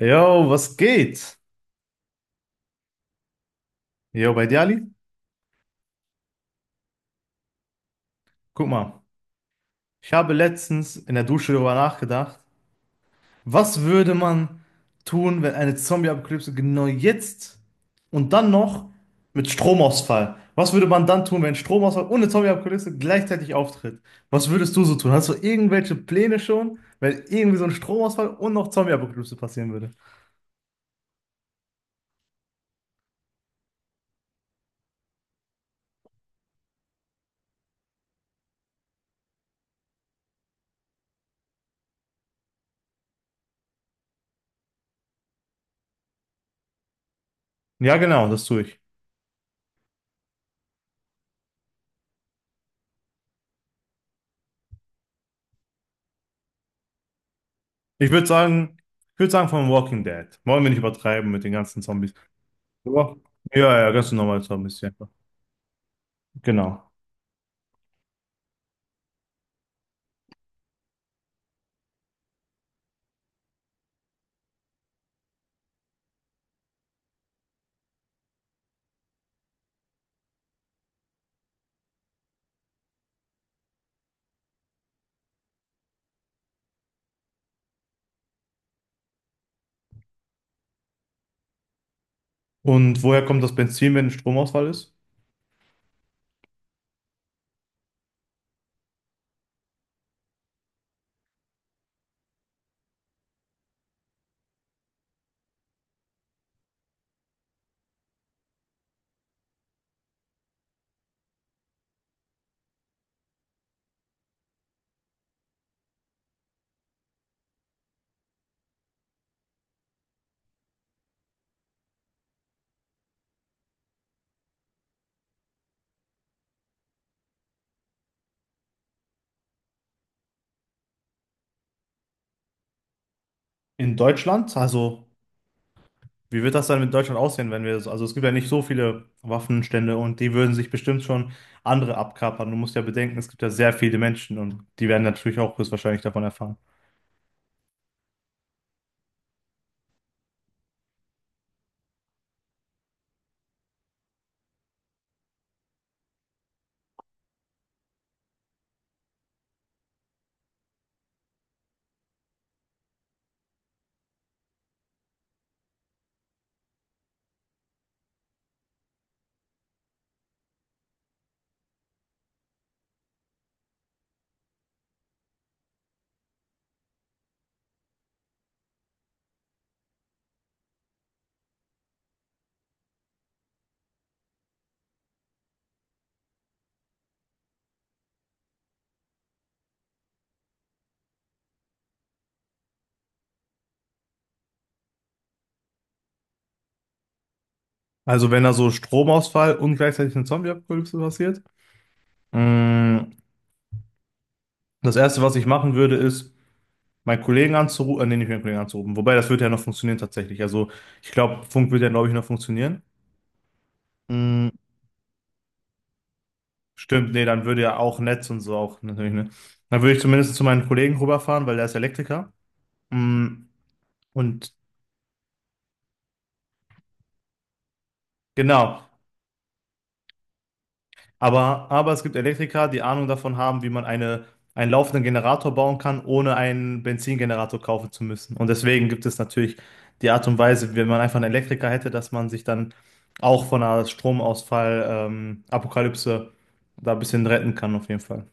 Jo, was geht? Jo, bei dir, Ali? Guck mal, ich habe letztens in der Dusche darüber nachgedacht, was würde man tun, wenn eine Zombie-Apokalypse genau jetzt und dann noch mit Stromausfall? Was würde man dann tun, wenn Stromausfall und eine Zombie-Apokalypse gleichzeitig auftritt? Was würdest du so tun? Hast du irgendwelche Pläne schon, wenn irgendwie so ein Stromausfall und noch Zombie-Apokalypse passieren würde? Ja, genau, das tue ich. Ich würde sagen, ich würde sagen von Walking Dead. Wollen wir nicht übertreiben mit den ganzen Zombies. Ja, ja, ja, ganz normal so ein bisschen. Genau. Und woher kommt das Benzin, wenn Stromausfall ist? In Deutschland? Also, wie wird das dann mit Deutschland aussehen, wenn wir das, also es gibt ja nicht so viele Waffenstände und die würden sich bestimmt schon andere abkapern. Du musst ja bedenken, es gibt ja sehr viele Menschen und die werden natürlich auch höchstwahrscheinlich davon erfahren. Also, wenn da so Stromausfall und gleichzeitig eine Zombie-Apokalypse passiert, mh, das Erste, was ich machen würde, ist, meinen Kollegen anzurufen, nee, nicht meinen Kollegen anzurufen. Wobei, das würde ja noch funktionieren tatsächlich. Also, ich glaube, Funk würde ja, glaube ich, noch funktionieren. Mm, stimmt, nee, dann würde ja auch Netz und so auch natürlich, ne? Dann würde ich zumindest zu meinen Kollegen rüberfahren, weil der ist Elektriker. Mm, und genau. Aber es gibt Elektriker, die Ahnung davon haben, wie man eine, einen laufenden Generator bauen kann, ohne einen Benzingenerator kaufen zu müssen. Und deswegen gibt es natürlich die Art und Weise, wenn man einfach einen Elektriker hätte, dass man sich dann auch von einer Stromausfall, Apokalypse da ein bisschen retten kann, auf jeden Fall.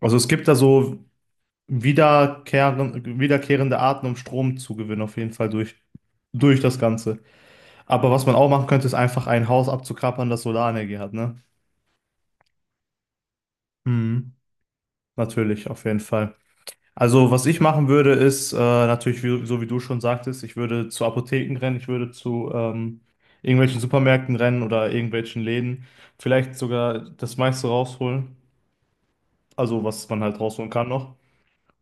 Also es gibt da so wiederkehrende Arten, um Strom zu gewinnen, auf jeden Fall durch, durch das Ganze. Aber was man auch machen könnte, ist einfach ein Haus abzuklappern, das Solarenergie hat, ne? Mhm. Natürlich, auf jeden Fall. Also, was ich machen würde, ist natürlich, wie, so wie du schon sagtest, ich würde zu Apotheken rennen, ich würde zu irgendwelchen Supermärkten rennen oder irgendwelchen Läden, vielleicht sogar das meiste rausholen, also was man halt rausholen kann noch,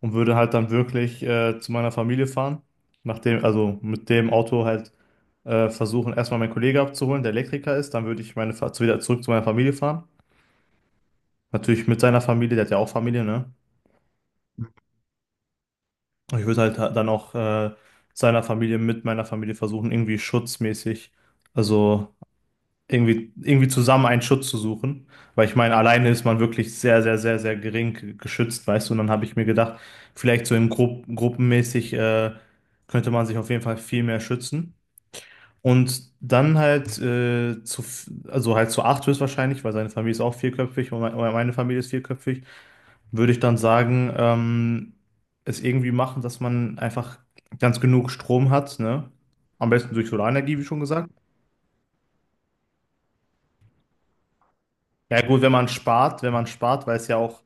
und würde halt dann wirklich zu meiner Familie fahren, nachdem, also mit dem Auto halt versuchen, erstmal meinen Kollege abzuholen, der Elektriker ist, dann würde ich wieder zurück zu meiner Familie fahren. Natürlich mit seiner Familie, der hat ja auch Familie, ne? Ich würde halt dann auch seiner Familie mit meiner Familie versuchen, irgendwie schutzmäßig, also irgendwie, irgendwie zusammen einen Schutz zu suchen. Weil ich meine, alleine ist man wirklich sehr, sehr, sehr, sehr geschützt, weißt du. Und dann habe ich mir gedacht, vielleicht so in gruppenmäßig könnte man sich auf jeden Fall viel mehr schützen. Und dann halt also halt zu acht höchstwahrscheinlich, weil seine Familie ist auch vierköpfig und mein- oder meine Familie ist vierköpfig, würde ich dann sagen, es irgendwie machen, dass man einfach ganz genug Strom hat, ne? Am besten durch Solarenergie, wie schon gesagt. Ja gut, wenn man spart, weil es ja auch,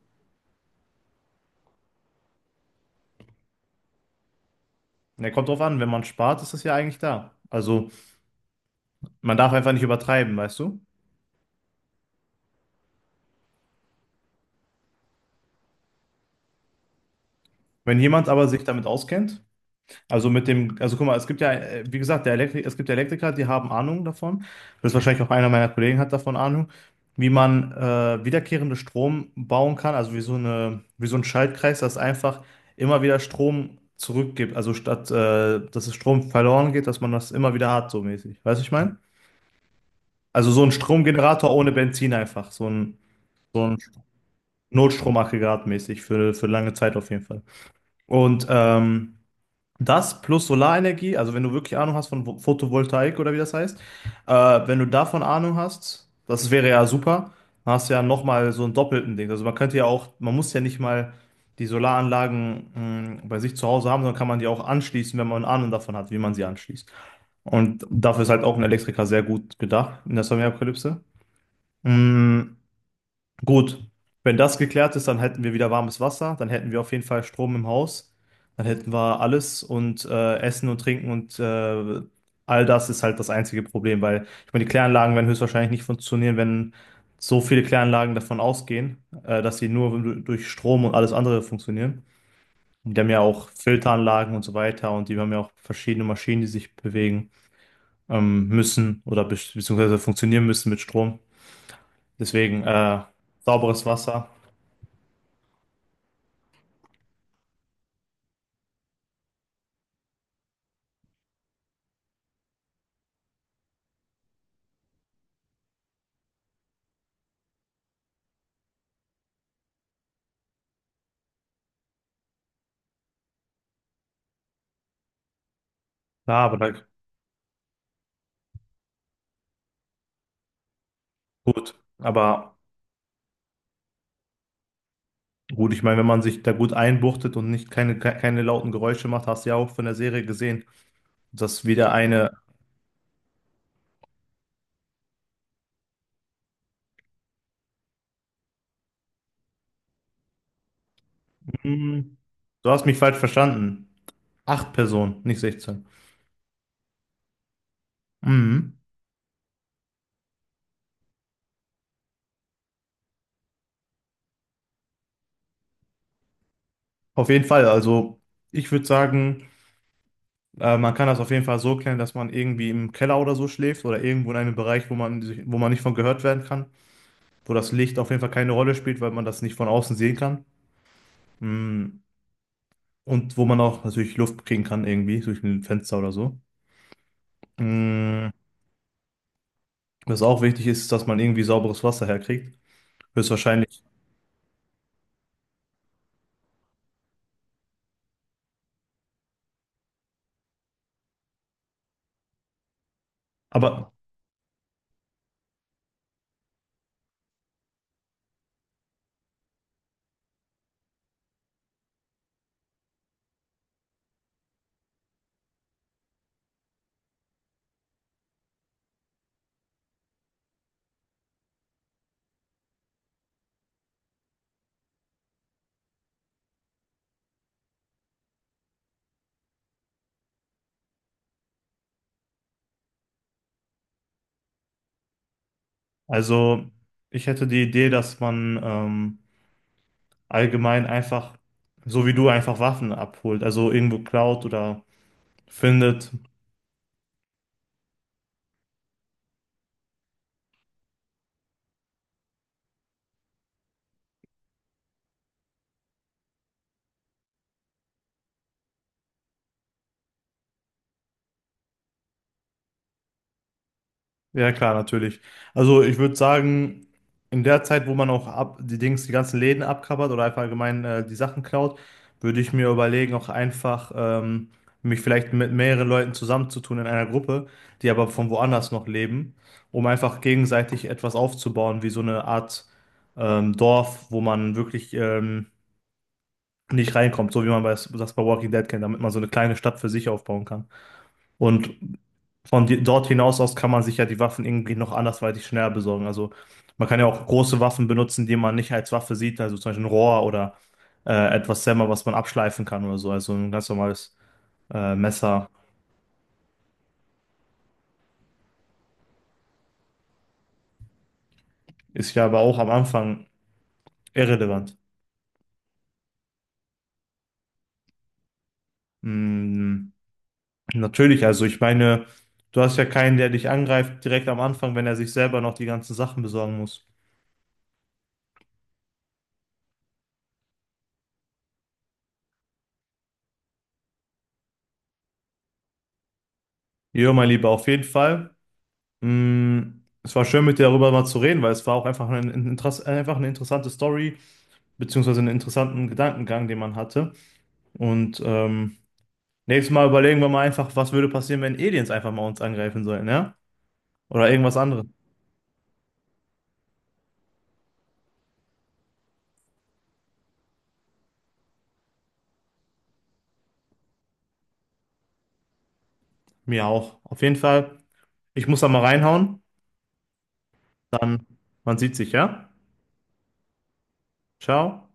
ne, kommt drauf an, wenn man spart, ist es ja eigentlich da. Also man darf einfach nicht übertreiben, weißt du? Wenn jemand aber sich damit auskennt, also mit dem, also guck mal, es gibt ja, wie gesagt, der Elektri es gibt Elektriker, die haben Ahnung davon. Das ist wahrscheinlich auch einer meiner Kollegen hat davon Ahnung, wie man wiederkehrende Strom bauen kann, also wie so eine, wie so ein Schaltkreis, das einfach immer wieder Strom zurückgibt. Also statt, dass es Strom verloren geht, dass man das immer wieder hat, so mäßig. Weißt du, was ich meine? Also so ein Stromgenerator ohne Benzin einfach, so ein Notstromaggregat mäßig für lange Zeit auf jeden Fall. Und das plus Solarenergie, also wenn du wirklich Ahnung hast von Photovoltaik oder wie das heißt, äh, wenn du davon Ahnung hast, das wäre ja super, dann hast du ja nochmal so einen doppelten Ding. Also man könnte ja auch, man muss ja nicht mal die Solaranlagen bei sich zu Hause haben, sondern kann man die auch anschließen, wenn man Ahnung davon hat, wie man sie anschließt. Und dafür ist halt auch ein Elektriker sehr gut gedacht in der Sonnenmilchapokalypse. Gut, wenn das geklärt ist, dann hätten wir wieder warmes Wasser, dann hätten wir auf jeden Fall Strom im Haus, dann hätten wir alles und Essen und Trinken und all das ist halt das einzige Problem, weil ich meine, die Kläranlagen werden höchstwahrscheinlich nicht funktionieren, wenn so viele Kläranlagen davon ausgehen, dass sie durch Strom und alles andere funktionieren. Und die haben ja auch Filteranlagen und so weiter und die haben ja auch verschiedene Maschinen, die sich bewegen müssen oder beziehungsweise funktionieren müssen mit Strom. Deswegen sauberes Wasser. Ja, aber da gut, aber gut, ich meine, wenn man sich da gut einbuchtet und nicht keine, keine lauten Geräusche macht, hast du ja auch von der Serie gesehen, dass wieder eine. Mhm. Du hast mich falsch verstanden. Acht Personen, nicht 16. Mhm. Auf jeden Fall, also ich würde sagen, man kann das auf jeden Fall so klären, dass man irgendwie im Keller oder so schläft oder irgendwo in einem Bereich, wo man sich, wo man nicht von gehört werden kann, wo das Licht auf jeden Fall keine Rolle spielt, weil man das nicht von außen sehen kann. Mhm. Und wo man auch natürlich Luft kriegen kann, irgendwie durch ein Fenster oder so. Mm, was auch wichtig ist, ist, dass man irgendwie sauberes Wasser herkriegt. Höchstwahrscheinlich. Aber also, ich hätte die Idee, dass man allgemein einfach, so wie du, einfach Waffen abholt. Also irgendwo klaut oder findet. Ja, klar, natürlich. Also ich würde sagen, in der Zeit, wo man auch die Dings, die ganzen Läden abkappert oder einfach allgemein die Sachen klaut, würde ich mir überlegen, auch einfach mich vielleicht mit mehreren Leuten zusammenzutun in einer Gruppe, die aber von woanders noch leben, um einfach gegenseitig etwas aufzubauen, wie so eine Art Dorf, wo man wirklich nicht reinkommt, so wie man bei, das bei Walking Dead kennt, damit man so eine kleine Stadt für sich aufbauen kann. Und von dort hinaus aus kann man sich ja die Waffen irgendwie noch andersweitig schneller besorgen. Also man kann ja auch große Waffen benutzen, die man nicht als Waffe sieht, also zum Beispiel ein Rohr oder etwas Sämmer, was man abschleifen kann oder so. Also ein ganz normales Messer ist ja aber auch am Anfang irrelevant. Mm, natürlich, also ich meine, du hast ja keinen, der dich angreift direkt am Anfang, wenn er sich selber noch die ganzen Sachen besorgen muss. Jo, mein Lieber, auf jeden Fall. Mm, es war schön, mit dir darüber mal zu reden, weil es war auch einfach ein einfach eine interessante Story, beziehungsweise einen interessanten Gedankengang, den man hatte. Und nächstes Mal überlegen wir mal einfach, was würde passieren, wenn Aliens einfach mal uns angreifen sollen, ja? Oder irgendwas anderes. Mir auch. Auf jeden Fall, ich muss da mal reinhauen. Dann, man sieht sich, ja? Ciao.